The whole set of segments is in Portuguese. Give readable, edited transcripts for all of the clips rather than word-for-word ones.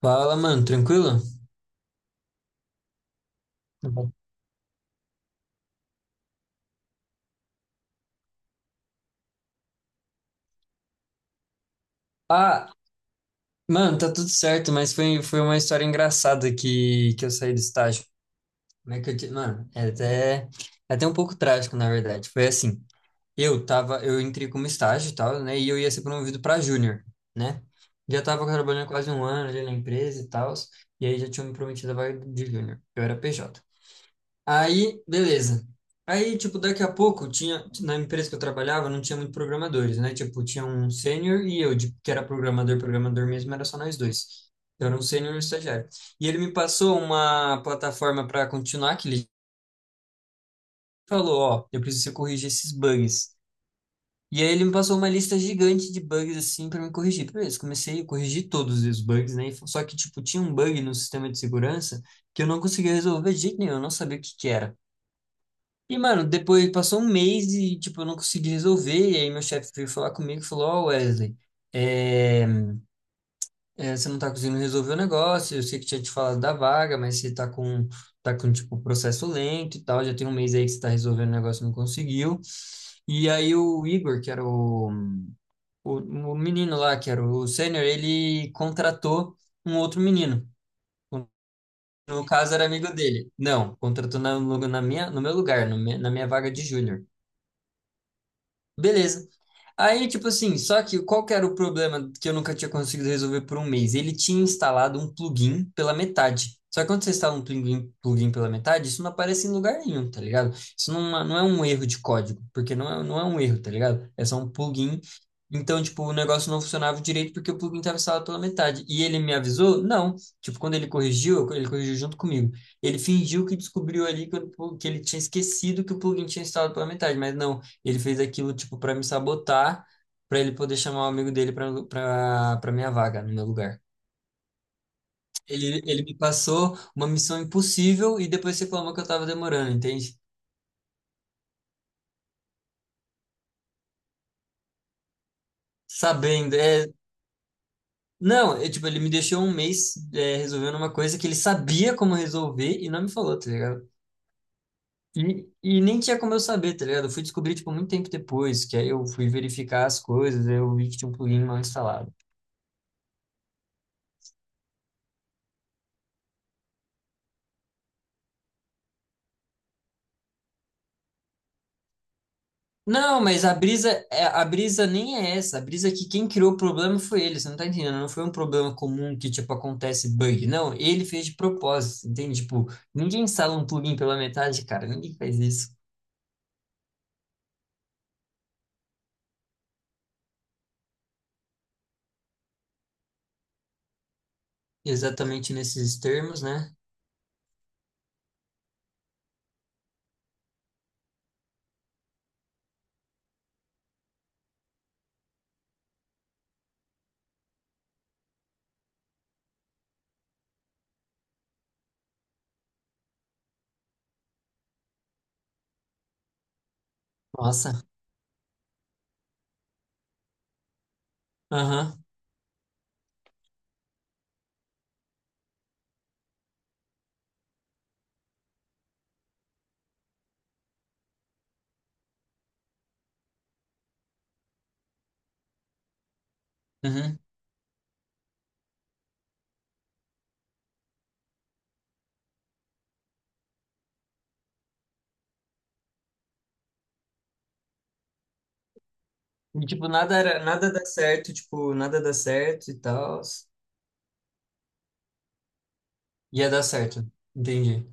Fala, mano, tranquilo? Uhum. Ah, mano, tá tudo certo, mas foi uma história engraçada que eu saí do estágio. Como é que eu te... Mano, é até um pouco trágico, na verdade. Foi assim, eu entrei como estágio e tal, né? E eu ia ser promovido pra júnior, né? Já tava trabalhando quase um ano ali na empresa e tal, e aí já tinham me prometido a vaga de júnior. Eu era PJ. Aí, beleza. Aí, tipo, daqui a pouco tinha, na empresa que eu trabalhava, não tinha muito programadores, né? Tipo, tinha um sênior e eu, que era programador, programador mesmo, era só nós dois. Eu era um sênior e um estagiário. E ele me passou uma plataforma para continuar, que ele falou, ó, eu preciso corrigir esses bugs. E aí ele me passou uma lista gigante de bugs, assim, para me corrigir. Beleza, comecei a corrigir todos os bugs, né? Só que, tipo, tinha um bug no sistema de segurança que eu não conseguia resolver de jeito nenhum, eu não sabia o que que era. E, mano, depois passou um mês e, tipo, eu não consegui resolver. E aí meu chefe veio falar comigo e falou, ó, Wesley, é, você não tá conseguindo resolver o negócio, eu sei que tinha te falado da vaga, mas você tá com, tipo, processo lento e tal, já tem um mês aí que você tá resolvendo o negócio e não conseguiu. E aí o Igor, que era o menino lá, que era o sênior, ele contratou um outro menino. No caso, era amigo dele. Não, contratou na, no- na minha, no meu lugar, no me- na minha vaga de júnior. Beleza. Aí, tipo assim, só que qual que era o problema que eu nunca tinha conseguido resolver por um mês? Ele tinha instalado um plugin pela metade. Só que quando você instala um plugin pela metade, isso não aparece em lugar nenhum, tá ligado? Não é um erro de código, porque não é um erro, tá ligado? É só um plugin. Então, tipo, o negócio não funcionava direito porque o plugin estava instalado pela metade. E ele me avisou? Não. Tipo, quando ele corrigiu junto comigo. Ele fingiu que descobriu ali que, que ele tinha esquecido que o plugin tinha instalado pela metade, mas não, ele fez aquilo, tipo, para me sabotar, para ele poder chamar o amigo dele para minha vaga, no meu lugar. Ele me passou uma missão impossível e depois reclamou que eu tava demorando, entende? Sabendo, é... Não, é, tipo, ele me deixou um mês, é, resolvendo uma coisa que ele sabia como resolver e não me falou, tá ligado? E nem tinha como eu saber, tá ligado? Eu fui descobrir, tipo, muito tempo depois, que aí eu fui verificar as coisas, aí eu vi que tinha um plugin mal instalado. Não, mas a brisa nem é essa. A brisa é que quem criou o problema foi ele. Você não tá entendendo? Não foi um problema comum que, tipo, acontece bug. Não, ele fez de propósito, entende? Tipo, ninguém instala um plugin pela metade, cara. Ninguém faz isso. Exatamente nesses termos, né? Nossa. Aham. Uhum. E, tipo, nada dá certo, tipo, nada dá certo e tal. Ia dar certo. Entendi.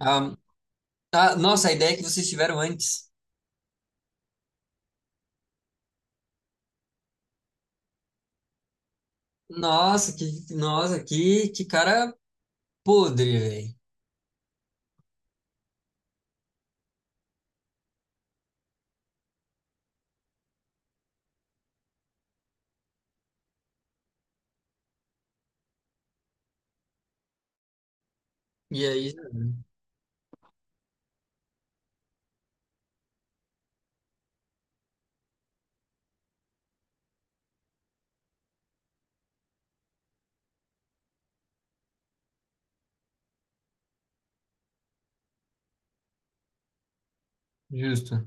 Ah, ah, nossa, a ideia é que vocês tiveram antes. Nossa, que cara podre, velho. E aí, justo.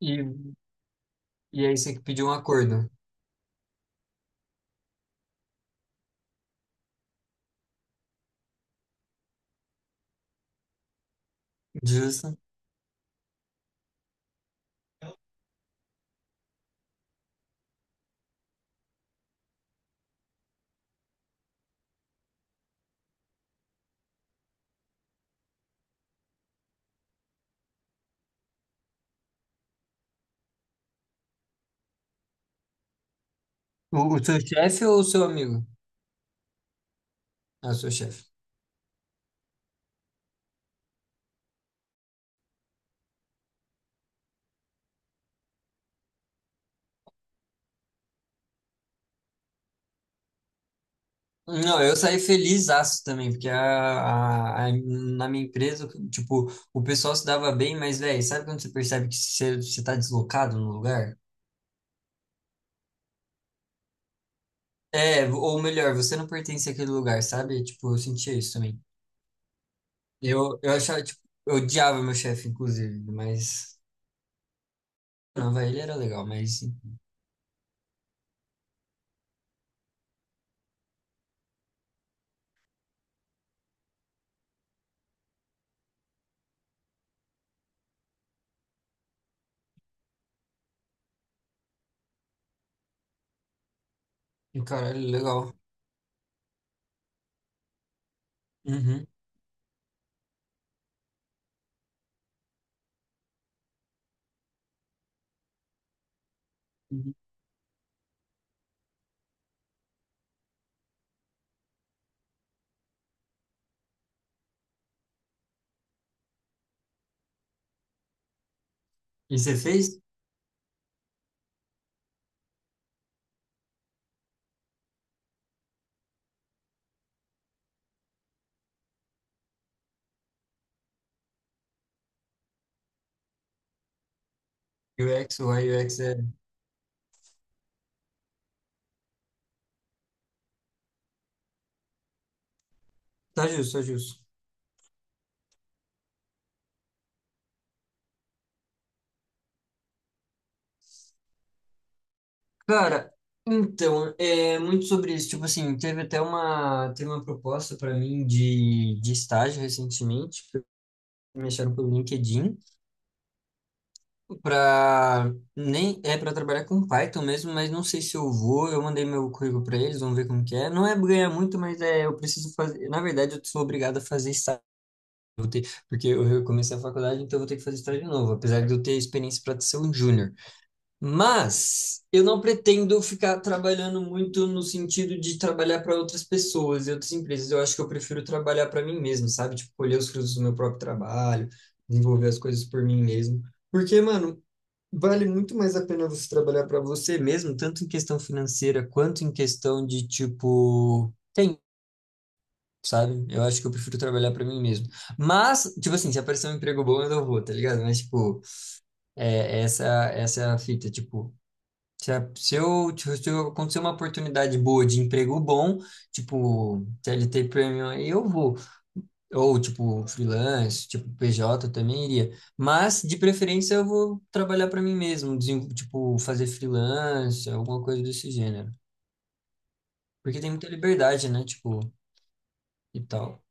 E, e aí você que pediu um acordo. Justo. O seu chefe ou o seu amigo? Ah, o seu chefe. Não, eu saí feliz aço também, porque na minha empresa, tipo, o pessoal se dava bem, mas, velho, sabe quando você percebe que você tá deslocado no lugar? É, ou melhor, você não pertence àquele lugar, sabe? Tipo, eu sentia isso também. Eu achava, tipo, eu odiava meu chefe, inclusive, mas... Não, velho, ele era legal, mas... Caralho, legal. Uhum. E você fez UX, o UX é. Tá justo, tá justo. Cara, então, é muito sobre isso. Tipo assim, teve uma proposta para mim de estágio recentemente, que me acharam pelo LinkedIn, para nem é para trabalhar com Python mesmo, mas não sei se eu vou. Eu mandei meu currículo para eles, vamos ver como que é. Não é ganhar muito, mas é, eu preciso fazer. Na verdade, eu sou obrigado a fazer estágio, porque eu comecei a faculdade, então eu vou ter que fazer estágio de novo, apesar de eu ter experiência para ser um júnior. Mas eu não pretendo ficar trabalhando muito no sentido de trabalhar para outras pessoas e outras empresas. Eu acho que eu prefiro trabalhar para mim mesmo, sabe? Tipo, colher os frutos do meu próprio trabalho, desenvolver as coisas por mim mesmo. Porque, mano, vale muito mais a pena você trabalhar para você mesmo, tanto em questão financeira quanto em questão de, tipo, tempo, sabe? Eu acho que eu prefiro trabalhar para mim mesmo. Mas, tipo assim, se aparecer um emprego bom, eu não vou, tá ligado? Mas, tipo, é, essa, essa é a fita, tipo. Se, a- se eu, tipo, Se eu acontecer uma oportunidade boa de emprego bom, tipo CLT Premium, aí eu vou. Ou, tipo, freelance, tipo PJ, eu também iria. Mas, de preferência, eu vou trabalhar para mim mesmo, tipo, fazer freelance, alguma coisa desse gênero. Porque tem muita liberdade, né? Tipo, e tal.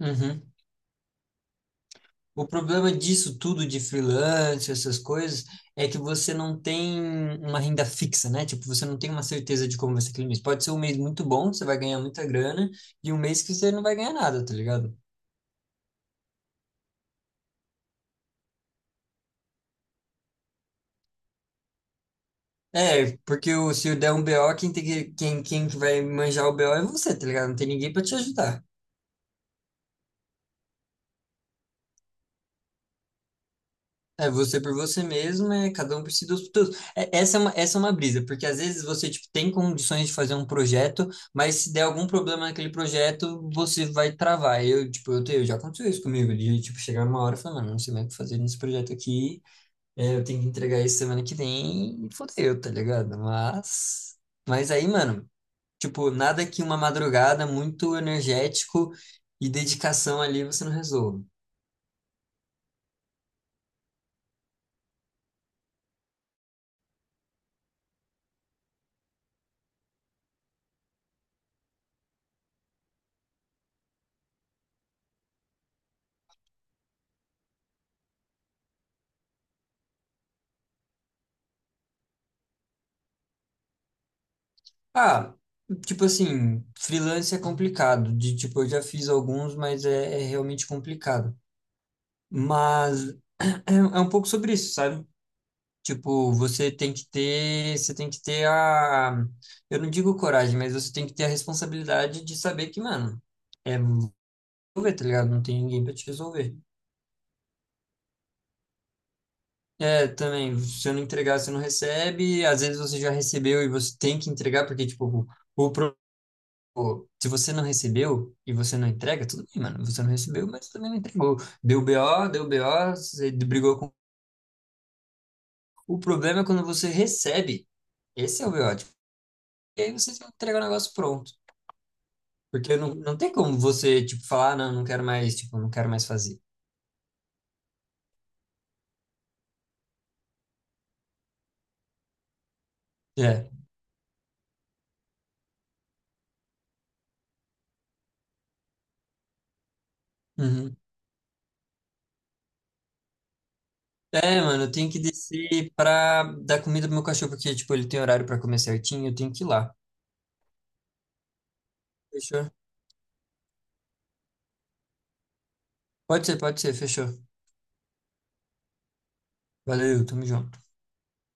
Uhum. O problema disso tudo de freelance, essas coisas, é que você não tem uma renda fixa, né? Tipo, você não tem uma certeza de como vai ser aquele mês. Pode ser um mês muito bom, você vai ganhar muita grana, e um mês que você não vai ganhar nada, tá ligado? É, porque o, se eu der um BO, quem tem quem, quem que vai manjar o BO é você, tá ligado? Não tem ninguém pra te ajudar. É você por você mesmo, é cada um por si, Deus por todos. É, essa é uma brisa, porque às vezes você tipo, tem condições de fazer um projeto, mas se der algum problema naquele projeto, você vai travar. Eu, tipo, eu, tenho, já aconteceu isso comigo, de tipo, chegar uma hora e falar, mano, não sei mais o que fazer nesse projeto aqui, é, eu tenho que entregar isso semana que vem, e fodeu, tá ligado? Mas aí, mano, tipo, nada que uma madrugada muito energético e dedicação ali você não resolva. Ah, tipo assim, freelance é complicado. De tipo, eu já fiz alguns, mas é realmente complicado. Mas é um pouco sobre isso, sabe? Tipo, você tem que ter, você tem que ter eu não digo coragem, mas você tem que ter a responsabilidade de saber que, mano, é resolver, tá ligado? Não tem ninguém pra te resolver. É, também, se você não entregar, você não recebe. Às vezes você já recebeu e você tem que entregar, porque, tipo, o problema. Pô, se você não recebeu e você não entrega, tudo bem, mano. Você não recebeu, mas também não entregou. Deu BO, deu BO, você brigou com. O problema é quando você recebe. Esse é o BO. Tipo, e aí você tem que entregar o negócio pronto. Porque não, não tem como você, tipo, falar, "Ah, não, não quero mais, tipo, não quero mais fazer." É. Uhum. É, mano, eu tenho que descer pra dar comida pro meu cachorro, porque, tipo, ele tem horário pra comer certinho, eu tenho que ir lá. Fechou? Pode ser, fechou. Valeu, tamo junto.